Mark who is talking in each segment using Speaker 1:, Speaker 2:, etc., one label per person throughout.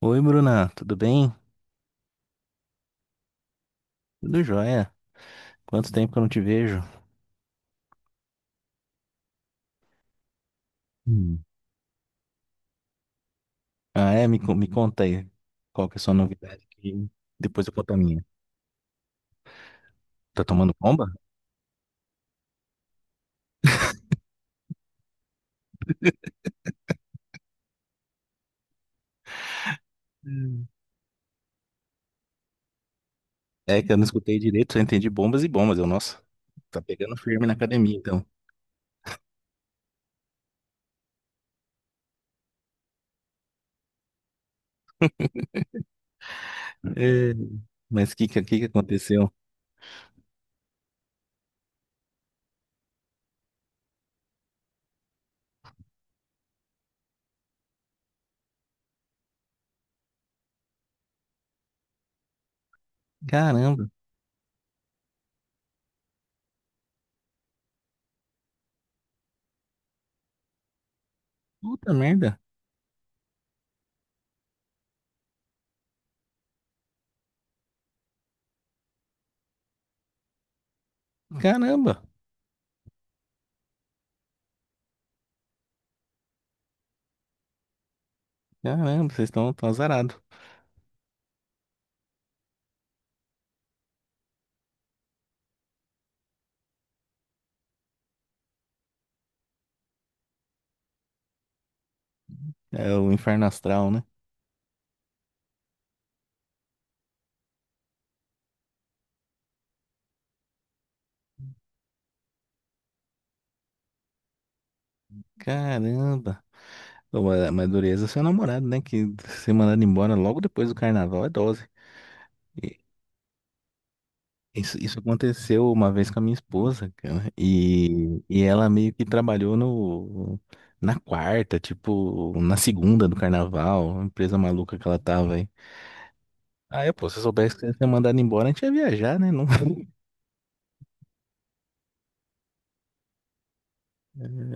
Speaker 1: Oi, Bruna, tudo bem? Tudo jóia. Quanto tempo que eu não te vejo? Hum. Ah, é? Me conta aí. Qual que é a sua novidade? Que depois eu conto a minha. Tá tomando bomba? Hum. É que eu não escutei direito, só entendi bombas e bombas. Nossa, tá pegando firme na academia, então. É, mas que aconteceu? Caramba, puta merda. Caramba, caramba, vocês estão tão azarados. É o inferno astral, né? Caramba. Pô, mas dureza é seu namorado, né? Que ser mandado embora logo depois do carnaval é dose. E isso aconteceu uma vez com a minha esposa, cara. E ela meio que trabalhou no, na quarta, tipo, na segunda do carnaval, uma empresa maluca que ela tava aí. Aí, pô, se eu soubesse que você ia ser mandado embora, a gente ia viajar, né? Não.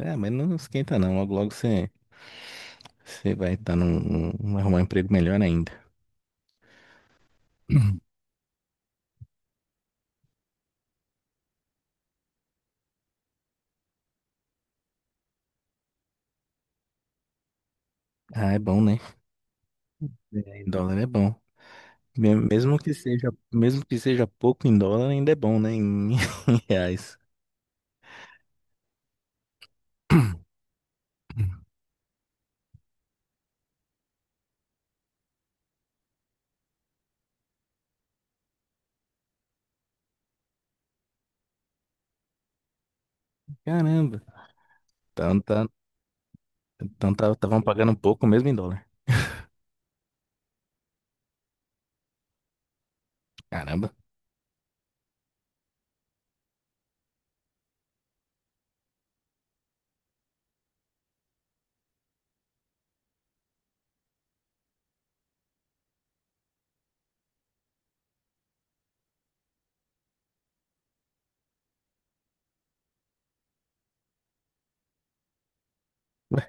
Speaker 1: É, mas não esquenta não. Logo, logo você vai estar arrumar um emprego melhor ainda. Ah, é bom, né? É, em dólar é bom. Mesmo que seja pouco em dólar, ainda é bom, né? Em, em reais. Caramba. Então, tá, tavam pagando pouco mesmo em dólar. Caramba. Ué,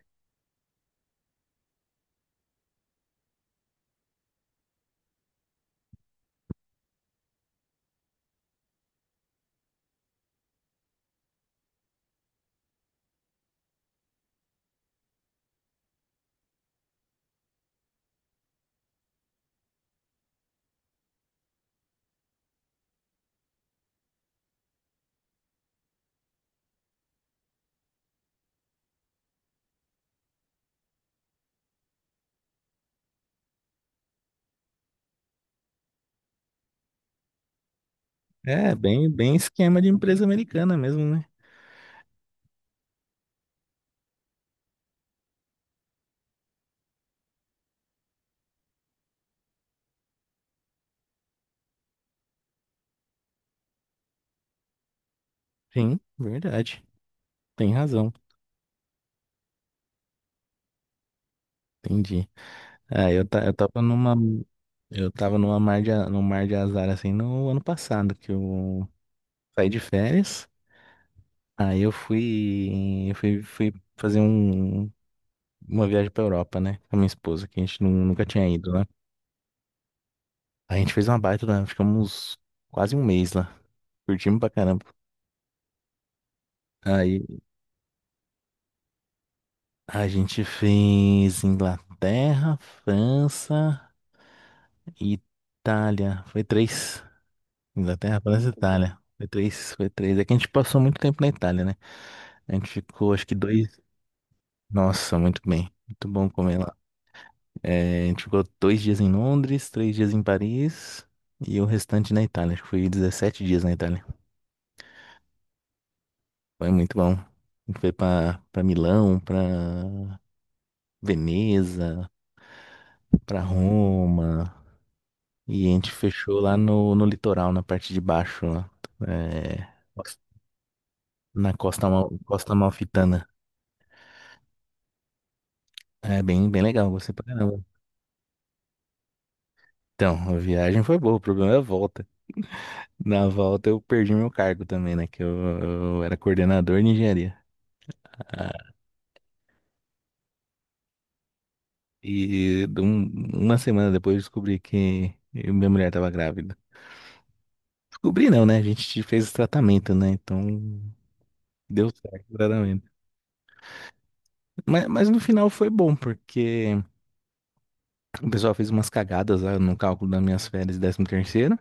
Speaker 1: é, bem, bem esquema de empresa americana mesmo, né? Sim, verdade. Tem razão. Entendi. Eu tava num mar de azar assim no ano passado, que eu saí de férias. Aí fui fazer um. Uma viagem pra Europa, né? Com a minha esposa, que a gente nunca tinha ido, né? A gente fez uma baita, né? Ficamos quase um mês lá. Curtimos pra caramba. Aí a gente fez Inglaterra, França e Itália. Foi três. Inglaterra, França e Itália. Foi três, foi três. É que a gente passou muito tempo na Itália, né? A gente ficou, acho que dois. Nossa, muito bem. Muito bom comer lá. É, a gente ficou dois dias em Londres, três dias em Paris e o restante na Itália. Acho que foi 17 dias na Itália. Foi muito bom. A gente foi pra Milão, pra Veneza, pra Roma. E a gente fechou lá no litoral, na parte de baixo, lá. É, na costa, costa Amalfitana. É bem, bem legal, gostei pra caramba. Então, a viagem foi boa, o problema é a volta. Na volta eu perdi meu cargo também, né? Eu era coordenador de engenharia. Ah, E de um- uma semana depois eu descobri minha mulher estava grávida. Descobri não, né? A gente fez o tratamento, né? Então deu certo o tratamento. Mas no final foi bom, porque o pessoal fez umas cagadas lá no cálculo das minhas férias de décimo terceiro.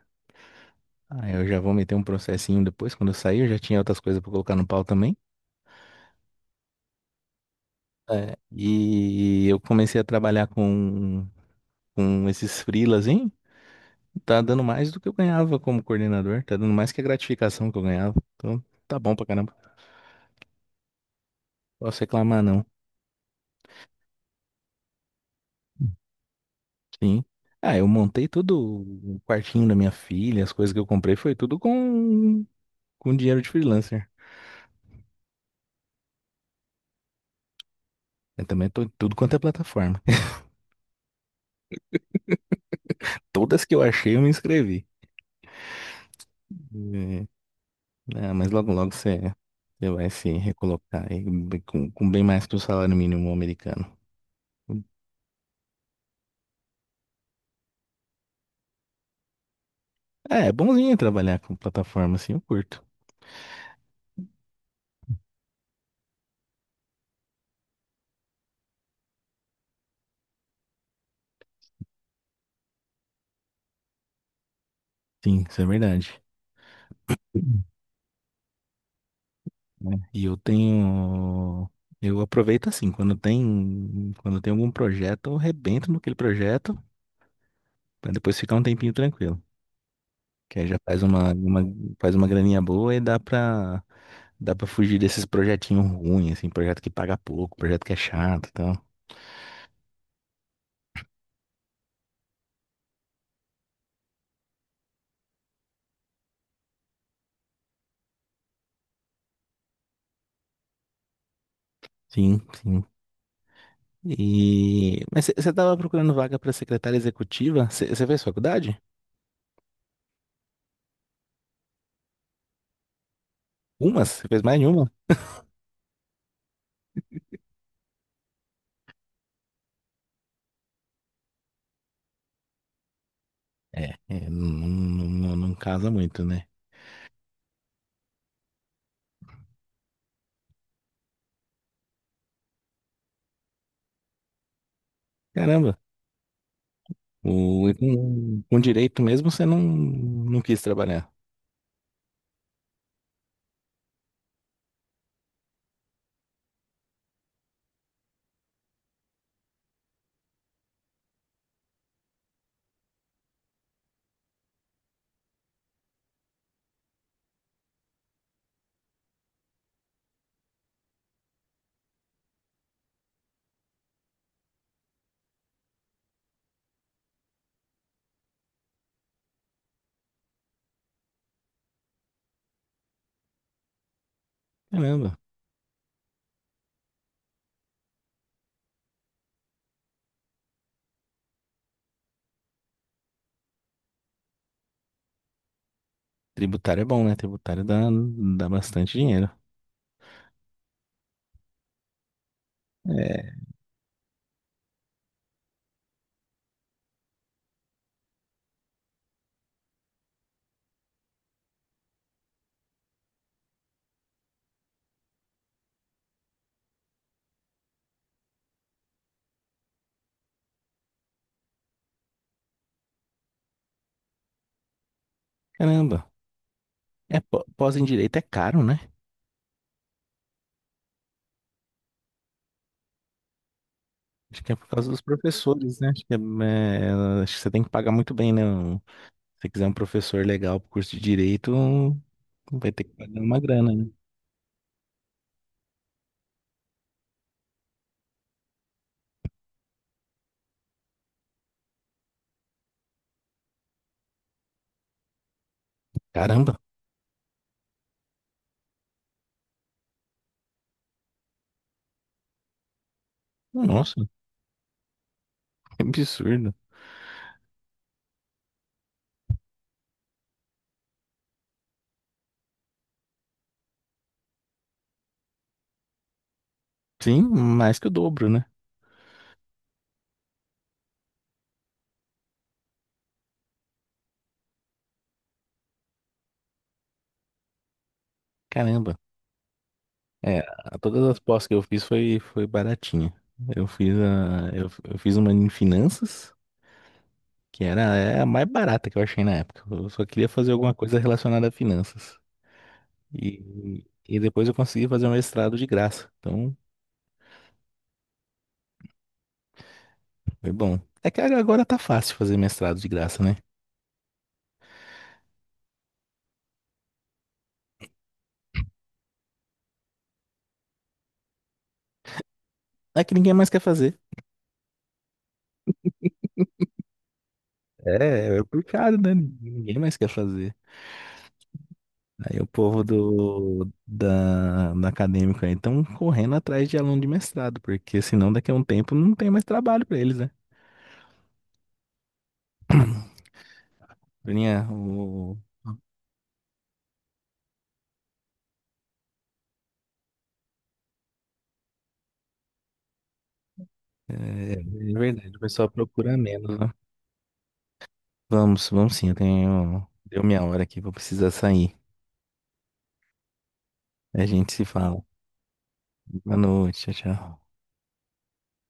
Speaker 1: Aí eu já vou meter um processinho depois, quando eu sair, eu já tinha outras coisas pra colocar no pau também. É, e eu comecei a trabalhar com esses freelas, hein? Tá dando mais do que eu ganhava como coordenador, tá dando mais que a gratificação que eu ganhava. Então tá bom pra caramba. Posso reclamar, não. Sim. Ah, eu montei tudo, o quartinho da minha filha, as coisas que eu comprei foi tudo com dinheiro de freelancer. Eu também tô em tudo quanto é plataforma. Todas que eu achei, eu me inscrevi. E- Ah, mas logo logo você vai se recolocar aí com bem mais que o salário mínimo americano. É, é bonzinho trabalhar com plataforma assim, eu curto. Sim, isso é verdade. Né? E eu tenho. Eu aproveito assim, quando tem algum projeto, eu rebento naquele projeto. Pra depois ficar um tempinho tranquilo. Que aí já faz uma- faz uma graninha boa e dá pra fugir desses projetinhos ruins, assim, projeto que paga pouco, projeto que é chato e tal. Sim, sim. E... mas você tava procurando vaga pra secretária executiva? Você fez faculdade? Umas? Você fez mais de uma? É, é, não casa muito, né? Caramba, o, e com direito mesmo você não quis trabalhar. Caramba, tributário é bom, né? Tributário dá bastante dinheiro. É, caramba. É, pós em direito é caro, né? Acho que é por causa dos professores, né? Acho que, acho que você tem que pagar muito bem, né? Um- se você quiser um professor legal pro curso de direito, vai ter que pagar uma grana, né? Caramba. Nossa, que absurdo. Sim, mais que o dobro, né? Caramba. É, todas as pós que eu fiz foi, foi baratinha. Eu fiz uma em finanças, que era é, a mais barata que eu achei na época. Eu só queria fazer alguma coisa relacionada a finanças. E depois eu consegui fazer um mestrado de graça. Então, foi bom. É que agora tá fácil fazer mestrado de graça, né? É que ninguém mais quer fazer. É, é complicado, né? Ninguém mais quer fazer. Aí o povo da acadêmica aí estão correndo atrás de aluno de mestrado, porque senão daqui a um tempo não tem mais trabalho pra eles, né? Bruninha, é verdade, o pessoal procura menos, né? Vamos, vamos sim, eu tenho. Deu minha hora aqui, vou precisar sair. A gente se fala. Boa noite, tchau, tchau.